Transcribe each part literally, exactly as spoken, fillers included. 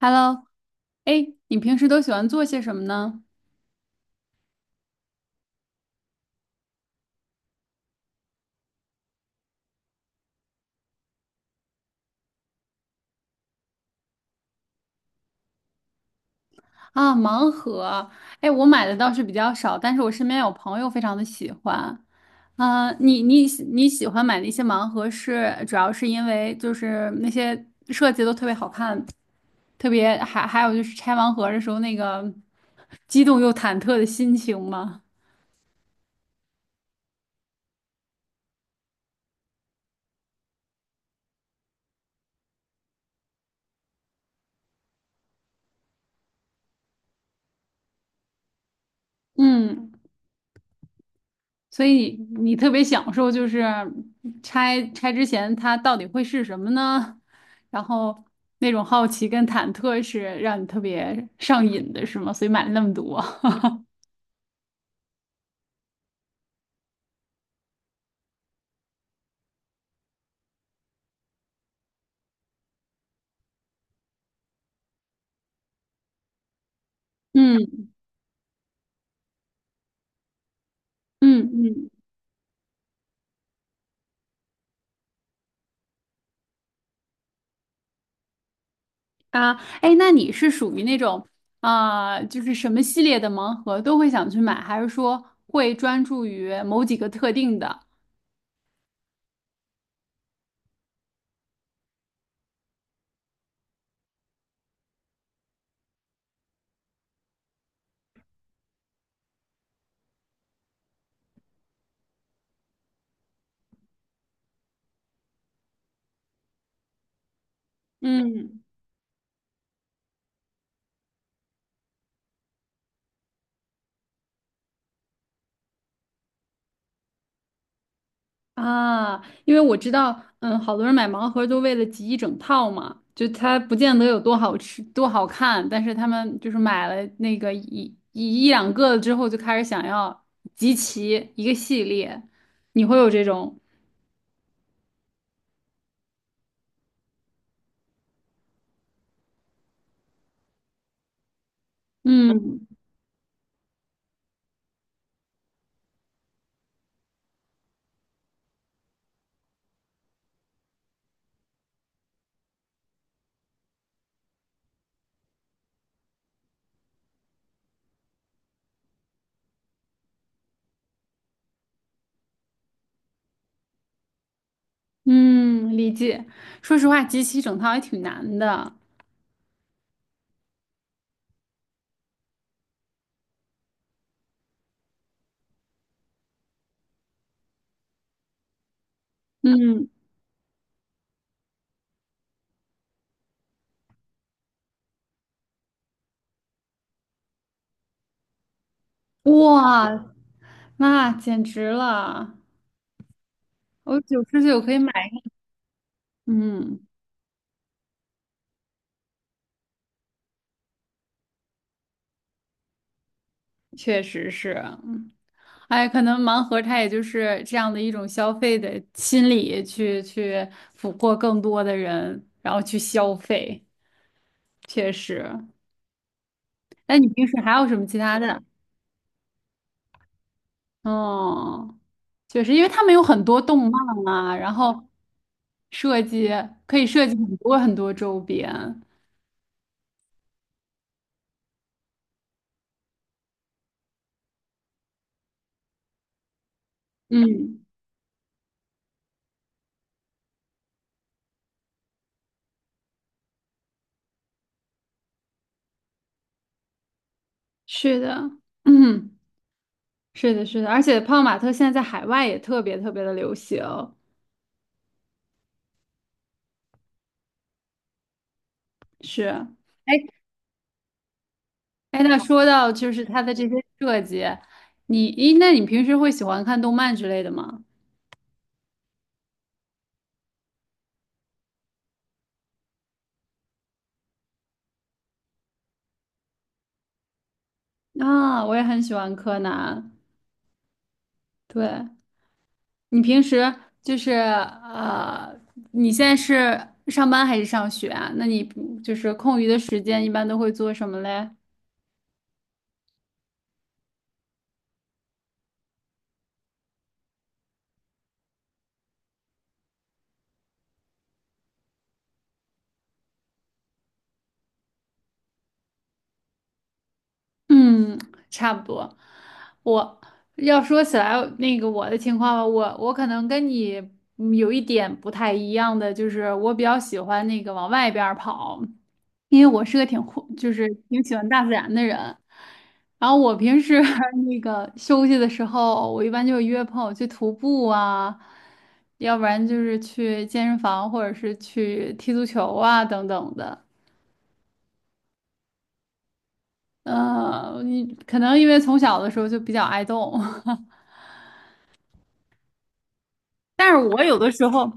Hello，哎，你平时都喜欢做些什么呢？啊，盲盒，哎，我买的倒是比较少，但是我身边有朋友非常的喜欢。啊，你你喜你喜欢买那些盲盒是主要是因为就是那些设计都特别好看，特别还还有就是拆盲盒的时候那个激动又忐忑的心情吗？嗯。所以你特别享受，就是拆拆之前它到底会是什么呢？然后那种好奇跟忐忑是让你特别上瘾的，是吗？所以买了那么多。嗯嗯嗯啊，哎，那你是属于那种啊、就是什么系列的盲盒都会想去买，还是说会专注于某几个特定的？嗯啊，因为我知道，嗯，好多人买盲盒都为了集一整套嘛，就它不见得有多好吃、多好看，但是他们就是买了那个一一一两个之后，就开始想要集齐一个系列。你会有这种，嗯嗯，理解。说实话，集齐一整套也挺难的。嗯，哇，那简直了！我九十九可以买，嗯。确实是，嗯哎，可能盲盒它也就是这样的一种消费的心理去，去俘获更多的人，然后去消费，确实。那你平时还有什么其他的？哦，确实，因为他们有很多动漫啊，然后设计可以设计很多很多周边。嗯，是的，嗯，是的，是的，而且泡泡玛特现在在海外也特别特别的流行。是，哎，哎，那说到就是它的这些设计，你，咦，那你平时会喜欢看动漫之类的吗？啊，我也很喜欢柯南。对，你平时就是呃，你现在是上班还是上学啊？那你就是空余的时间一般都会做什么嘞？嗯，差不多。我要说起来那个我的情况吧，我我可能跟你嗯有一点不太一样的，就是我比较喜欢那个往外边儿跑，因为我是个挺户就是挺喜欢大自然的人。然后我平时 那个休息的时候，我一般就约朋友去徒步啊，要不然就是去健身房，或者是去踢足球啊等等的。呃，你可能因为从小的时候就比较爱动，但是我有的时候，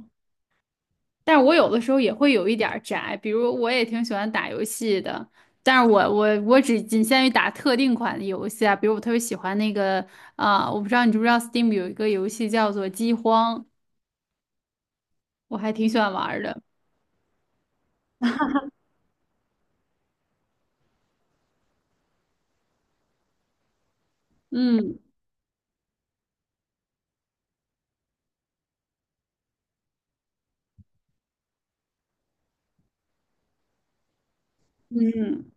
但是我有的时候也会有一点儿宅，比如我也挺喜欢打游戏的，但是我我我只仅限于打特定款的游戏啊，比如我特别喜欢那个啊、我不知道你知不知道 Steam 有一个游戏叫做《饥荒》，我还挺喜欢玩儿的，嗯嗯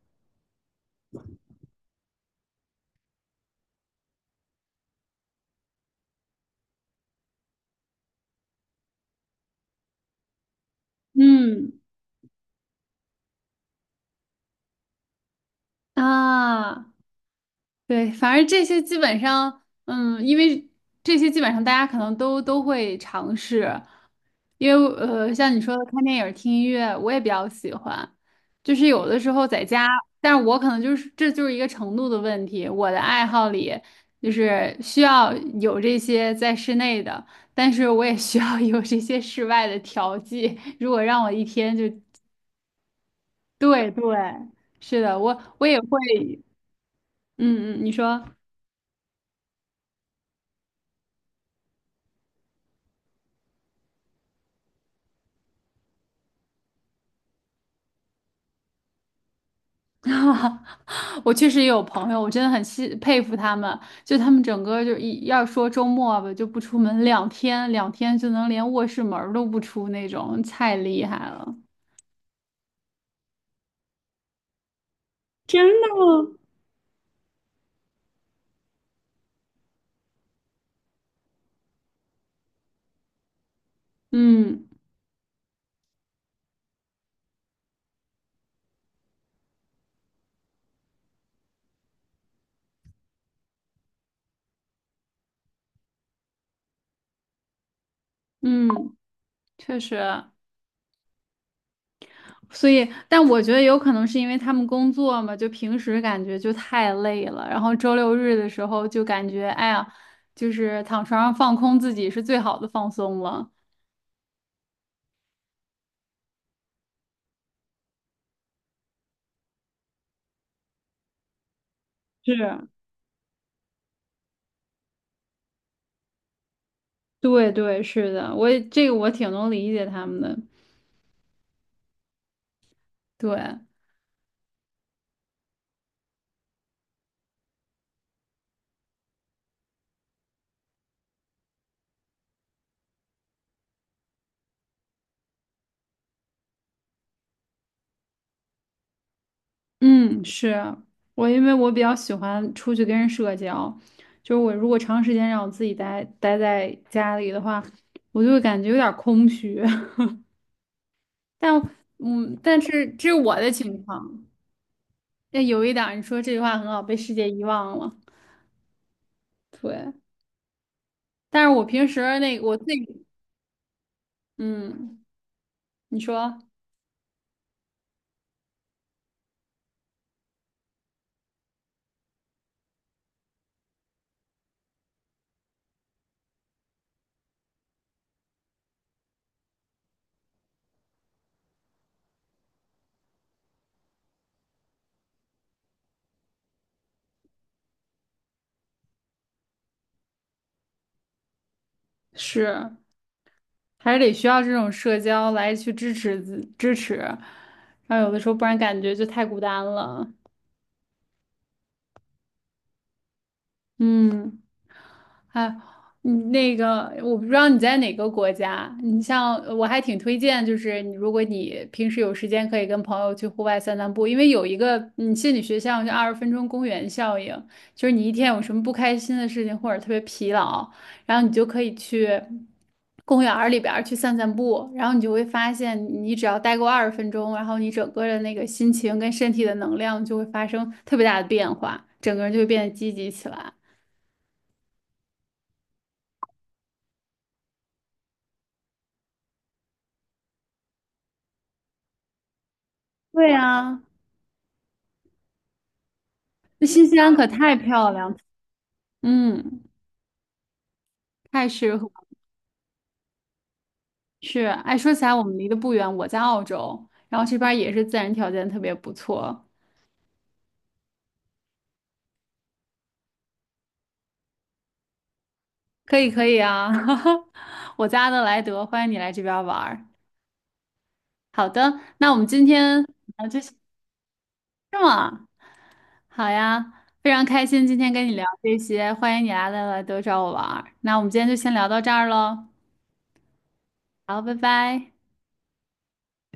嗯啊。对，反正这些基本上，嗯，因为这些基本上大家可能都都会尝试，因为呃，像你说的看电影、听音乐，我也比较喜欢。就是有的时候在家，但是我可能就是这就是一个程度的问题。我的爱好里就是需要有这些在室内的，但是我也需要有这些室外的调剂。如果让我一天就，对对，是的，我我也会，嗯嗯，你说。我确实也有朋友，我真的很欣佩服他们，就他们整个就一要说周末吧，就不出门两天，两天就能连卧室门儿都不出那种，太厉害了。真的吗？嗯嗯，确实，所以，但我觉得有可能是因为他们工作嘛，就平时感觉就太累了，然后周六日的时候就感觉，哎呀，就是躺床上放空自己是最好的放松了。是，对对，是的，我也这个我挺能理解他们的。对，嗯，是我，因为我比较喜欢出去跟人社交，就是我如果长时间让我自己待待在家里的话，我就会感觉有点儿空虚。但嗯，但是这是我的情况。那有一点儿你说这句话很好，被世界遗忘了。对，但是我平时那个我自己，嗯，你说是。还是得需要这种社交来去支持自支持，然后有的时候不然感觉就太孤单了。嗯。哎，你那个我不知道你在哪个国家，你像我还挺推荐，就是你如果你平时有时间，可以跟朋友去户外散散步，因为有一个嗯心理学项叫二十分钟公园效应，就是你一天有什么不开心的事情或者特别疲劳，然后你就可以去公园儿里边儿去散散步，然后你就会发现，你只要待够二十分钟，然后你整个的那个心情跟身体的能量就会发生特别大的变化，整个人就会变得积极起来。对呀，那新西兰可太漂亮了，嗯，太适合。是，哎，说起来我们离得不远，我在澳洲，然后这边儿也是自然条件特别不错，可以可以啊，我在阿德莱德，欢迎你来这边儿玩儿。好的，那我们今天啊就先这么，好呀，非常开心今天跟你聊这些，欢迎你来阿德莱德找我玩儿。那我们今天就先聊到这儿喽，好，拜拜。